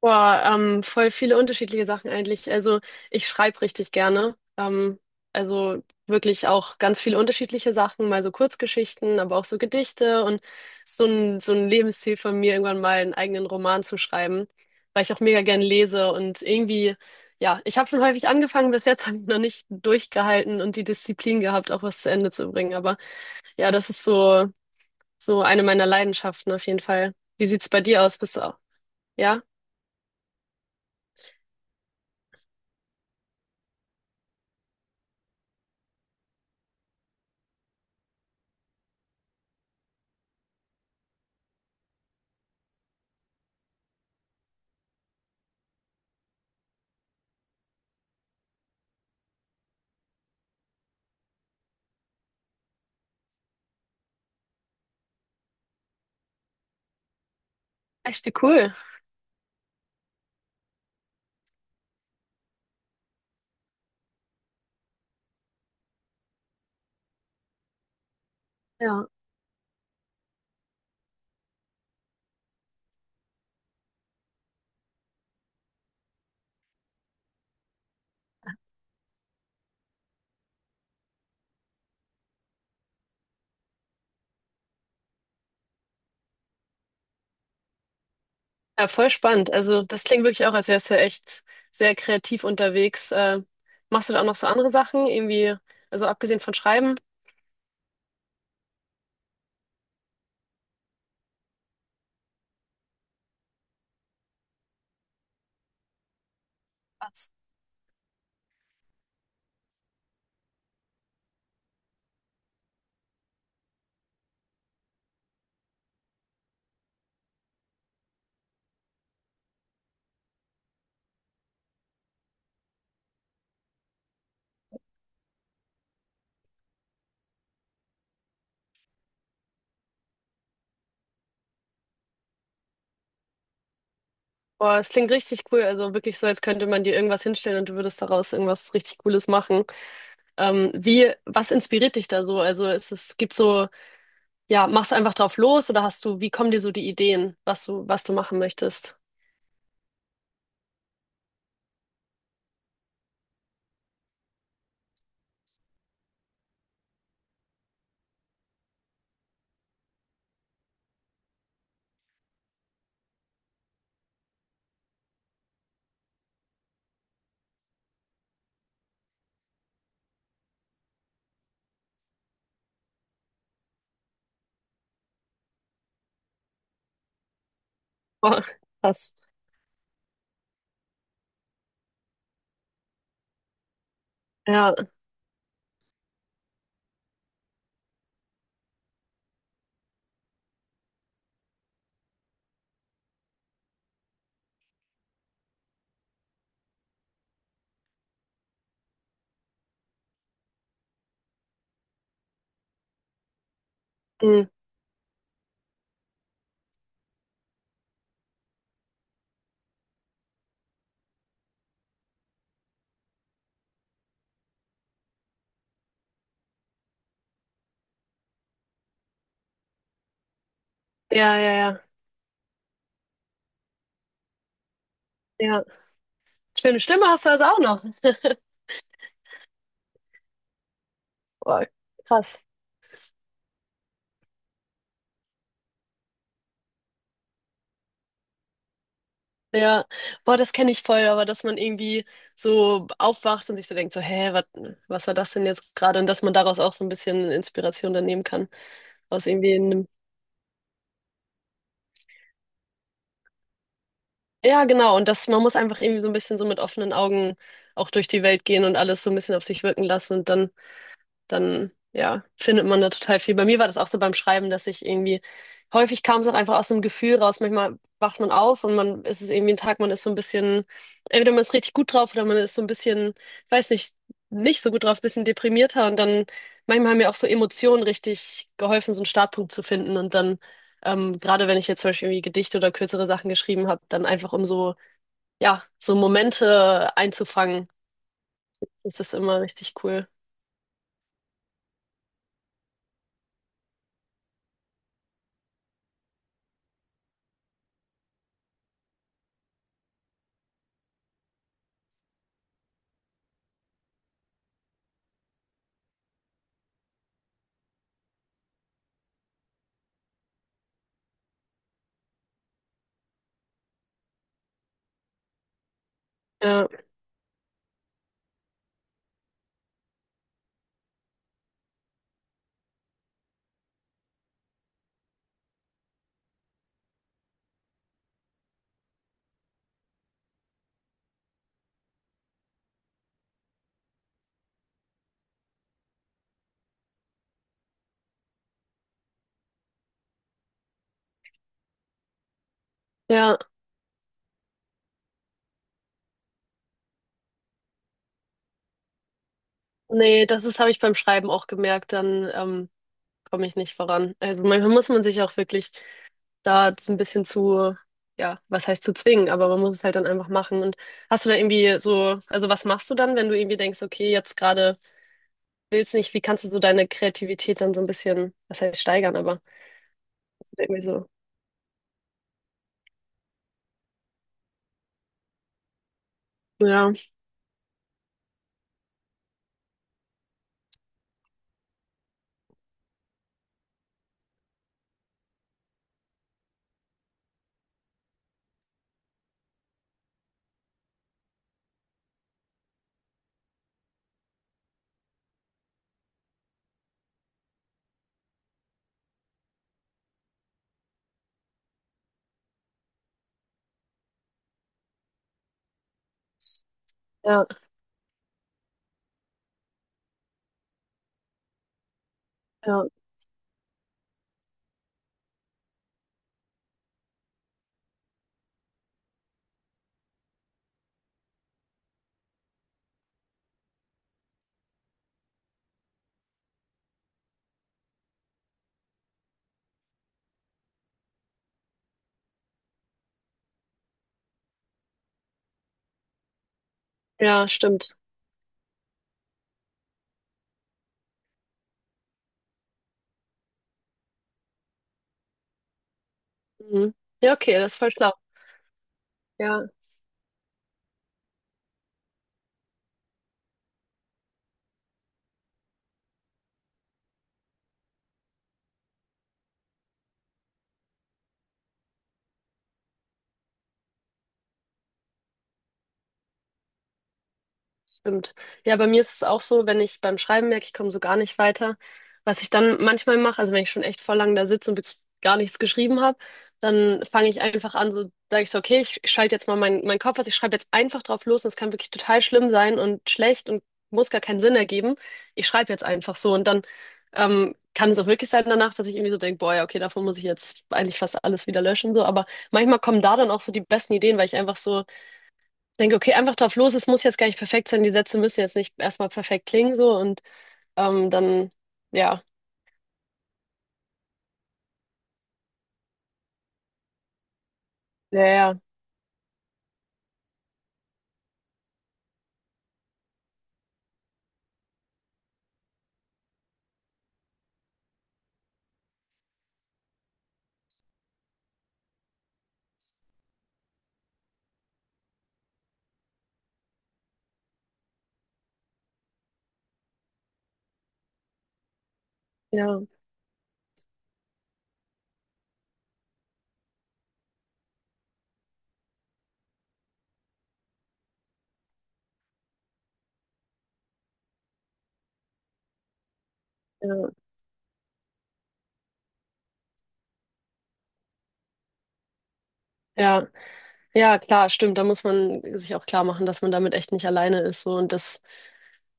Voll viele unterschiedliche Sachen eigentlich. Also ich schreibe richtig gerne. Also wirklich auch ganz viele unterschiedliche Sachen, mal so Kurzgeschichten, aber auch so Gedichte und so ein Lebensziel von mir, irgendwann mal einen eigenen Roman zu schreiben, weil ich auch mega gern lese und irgendwie, ja, ich habe schon häufig angefangen, bis jetzt habe ich noch nicht durchgehalten und die Disziplin gehabt, auch was zu Ende zu bringen. Aber ja, das ist so, so eine meiner Leidenschaften auf jeden Fall. Wie sieht's bei dir aus? Bist du auch? Ja, echt wie cool. Ja. Ja, voll spannend. Also das klingt wirklich auch, als wärst du echt sehr kreativ unterwegs. Machst du da auch noch so andere Sachen, irgendwie, also abgesehen von Schreiben? Was? Boah, es klingt richtig cool. Also wirklich so, als könnte man dir irgendwas hinstellen und du würdest daraus irgendwas richtig Cooles machen. Was inspiriert dich da so? Gibt so, ja, machst du einfach drauf los oder wie kommen dir so die Ideen, was du machen möchtest? Boah, krass. Ja, mm, ja, ja, ja, ja. Schöne Stimme hast du also auch noch. Boah, krass. Ja, boah, das kenne ich voll, aber dass man irgendwie so aufwacht und sich so denkt, so, hä, wat, was war das denn jetzt gerade? Und dass man daraus auch so ein bisschen Inspiration dann nehmen kann. Aus irgendwie einem, ja, genau. Und dass man muss einfach irgendwie so ein bisschen so mit offenen Augen auch durch die Welt gehen und alles so ein bisschen auf sich wirken lassen. Und dann ja, findet man da total viel. Bei mir war das auch so beim Schreiben, dass ich irgendwie, häufig kam es auch einfach aus dem Gefühl raus. Manchmal wacht man auf und man ist es irgendwie ein Tag, man ist so ein bisschen, entweder man ist richtig gut drauf oder man ist so ein bisschen, weiß nicht, nicht so gut drauf, ein bisschen deprimierter. Und dann manchmal haben mir auch so Emotionen richtig geholfen, so einen Startpunkt zu finden. Gerade wenn ich jetzt zum Beispiel irgendwie Gedichte oder kürzere Sachen geschrieben habe, dann einfach um so, ja, so Momente einzufangen, ist das immer richtig cool. Ja, ja. Nee, habe ich beim Schreiben auch gemerkt, dann komme ich nicht voran. Also manchmal muss man sich auch wirklich da so ein bisschen zu, ja, was heißt zu zwingen, aber man muss es halt dann einfach machen. Und hast du da irgendwie so, also was machst du dann, wenn du irgendwie denkst, okay, jetzt gerade willst nicht, wie kannst du so deine Kreativität dann so ein bisschen, was heißt steigern, aber hast du da irgendwie so, ja, ja, ja, ja, stimmt. Mhm. Ja, okay, das ist voll schlau. Ja. Stimmt. Ja, bei mir ist es auch so, wenn ich beim Schreiben merke, ich komme so gar nicht weiter, was ich dann manchmal mache, also wenn ich schon echt voll lang da sitze und wirklich gar nichts geschrieben habe, dann fange ich einfach an, so sage ich so, okay, ich schalte jetzt mal meinen Kopf aus, ich schreibe jetzt einfach drauf los und es kann wirklich total schlimm sein und schlecht und muss gar keinen Sinn ergeben. Ich schreibe jetzt einfach so und dann kann es auch wirklich sein danach, dass ich irgendwie so denke, boah, ja, okay, davon muss ich jetzt eigentlich fast alles wieder löschen, so, aber manchmal kommen da dann auch so die besten Ideen, weil ich einfach so ich denke, okay, einfach drauf los, es muss jetzt gar nicht perfekt sein, die Sätze müssen jetzt nicht erstmal perfekt klingen, so und ähm, dann, ja, ja, ja, ja, ja, ja, ja, klar, stimmt, da muss man sich auch klar machen, dass man damit echt nicht alleine ist, so und das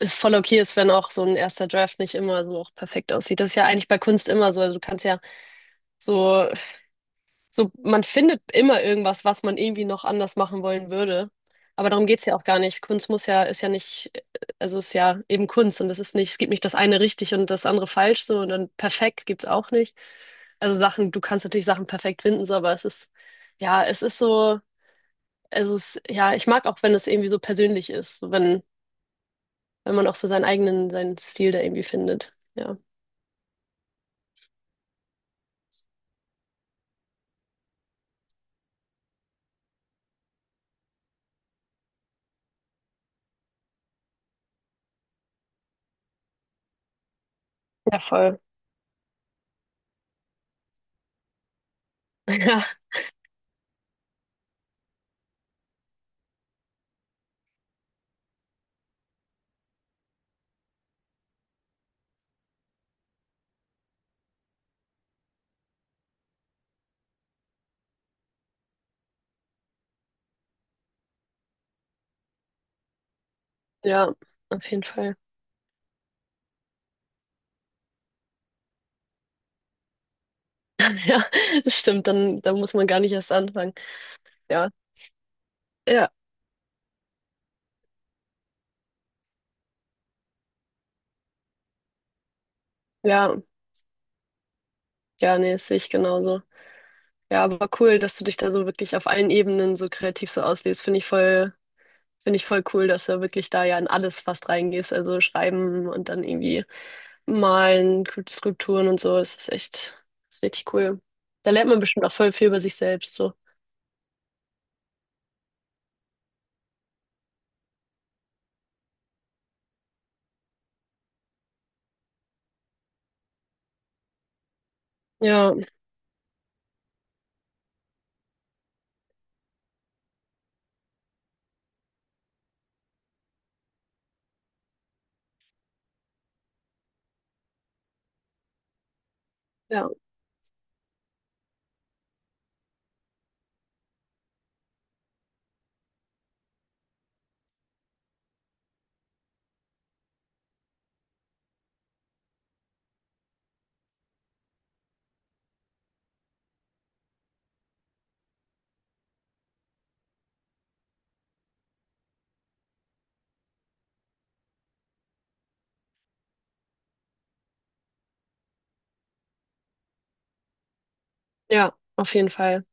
ist voll okay ist, wenn auch so ein erster Draft nicht immer so auch perfekt aussieht. Das ist ja eigentlich bei Kunst immer so, also du kannst ja so so, man findet immer irgendwas, was man irgendwie noch anders machen wollen würde. Aber darum geht's ja auch gar nicht. Kunst muss ja, ist ja nicht, Also ist ja eben Kunst und es ist nicht, es gibt nicht das eine richtig und das andere falsch so und dann perfekt gibt's auch nicht. Also Sachen, du kannst natürlich Sachen perfekt finden, so, aber es ist, ja, es ist so, also es, ja, ich mag auch, wenn es irgendwie so persönlich ist, wenn man auch so seinen Stil da irgendwie findet. Ja. Ja, voll. Ja, ja, auf jeden Fall. Ja, das stimmt, dann muss man gar nicht erst anfangen. Ja, ja, ja, ja, nee, das sehe ich genauso. Ja, aber cool, dass du dich da so wirklich auf allen Ebenen so kreativ so auslebst. Finde ich voll cool, dass du wirklich da ja in alles fast reingehst. Also schreiben und dann irgendwie malen, Skulpturen und so. Das ist richtig cool. Da lernt man bestimmt auch voll viel über sich selbst, so. Ja, ja, ja, auf jeden Fall.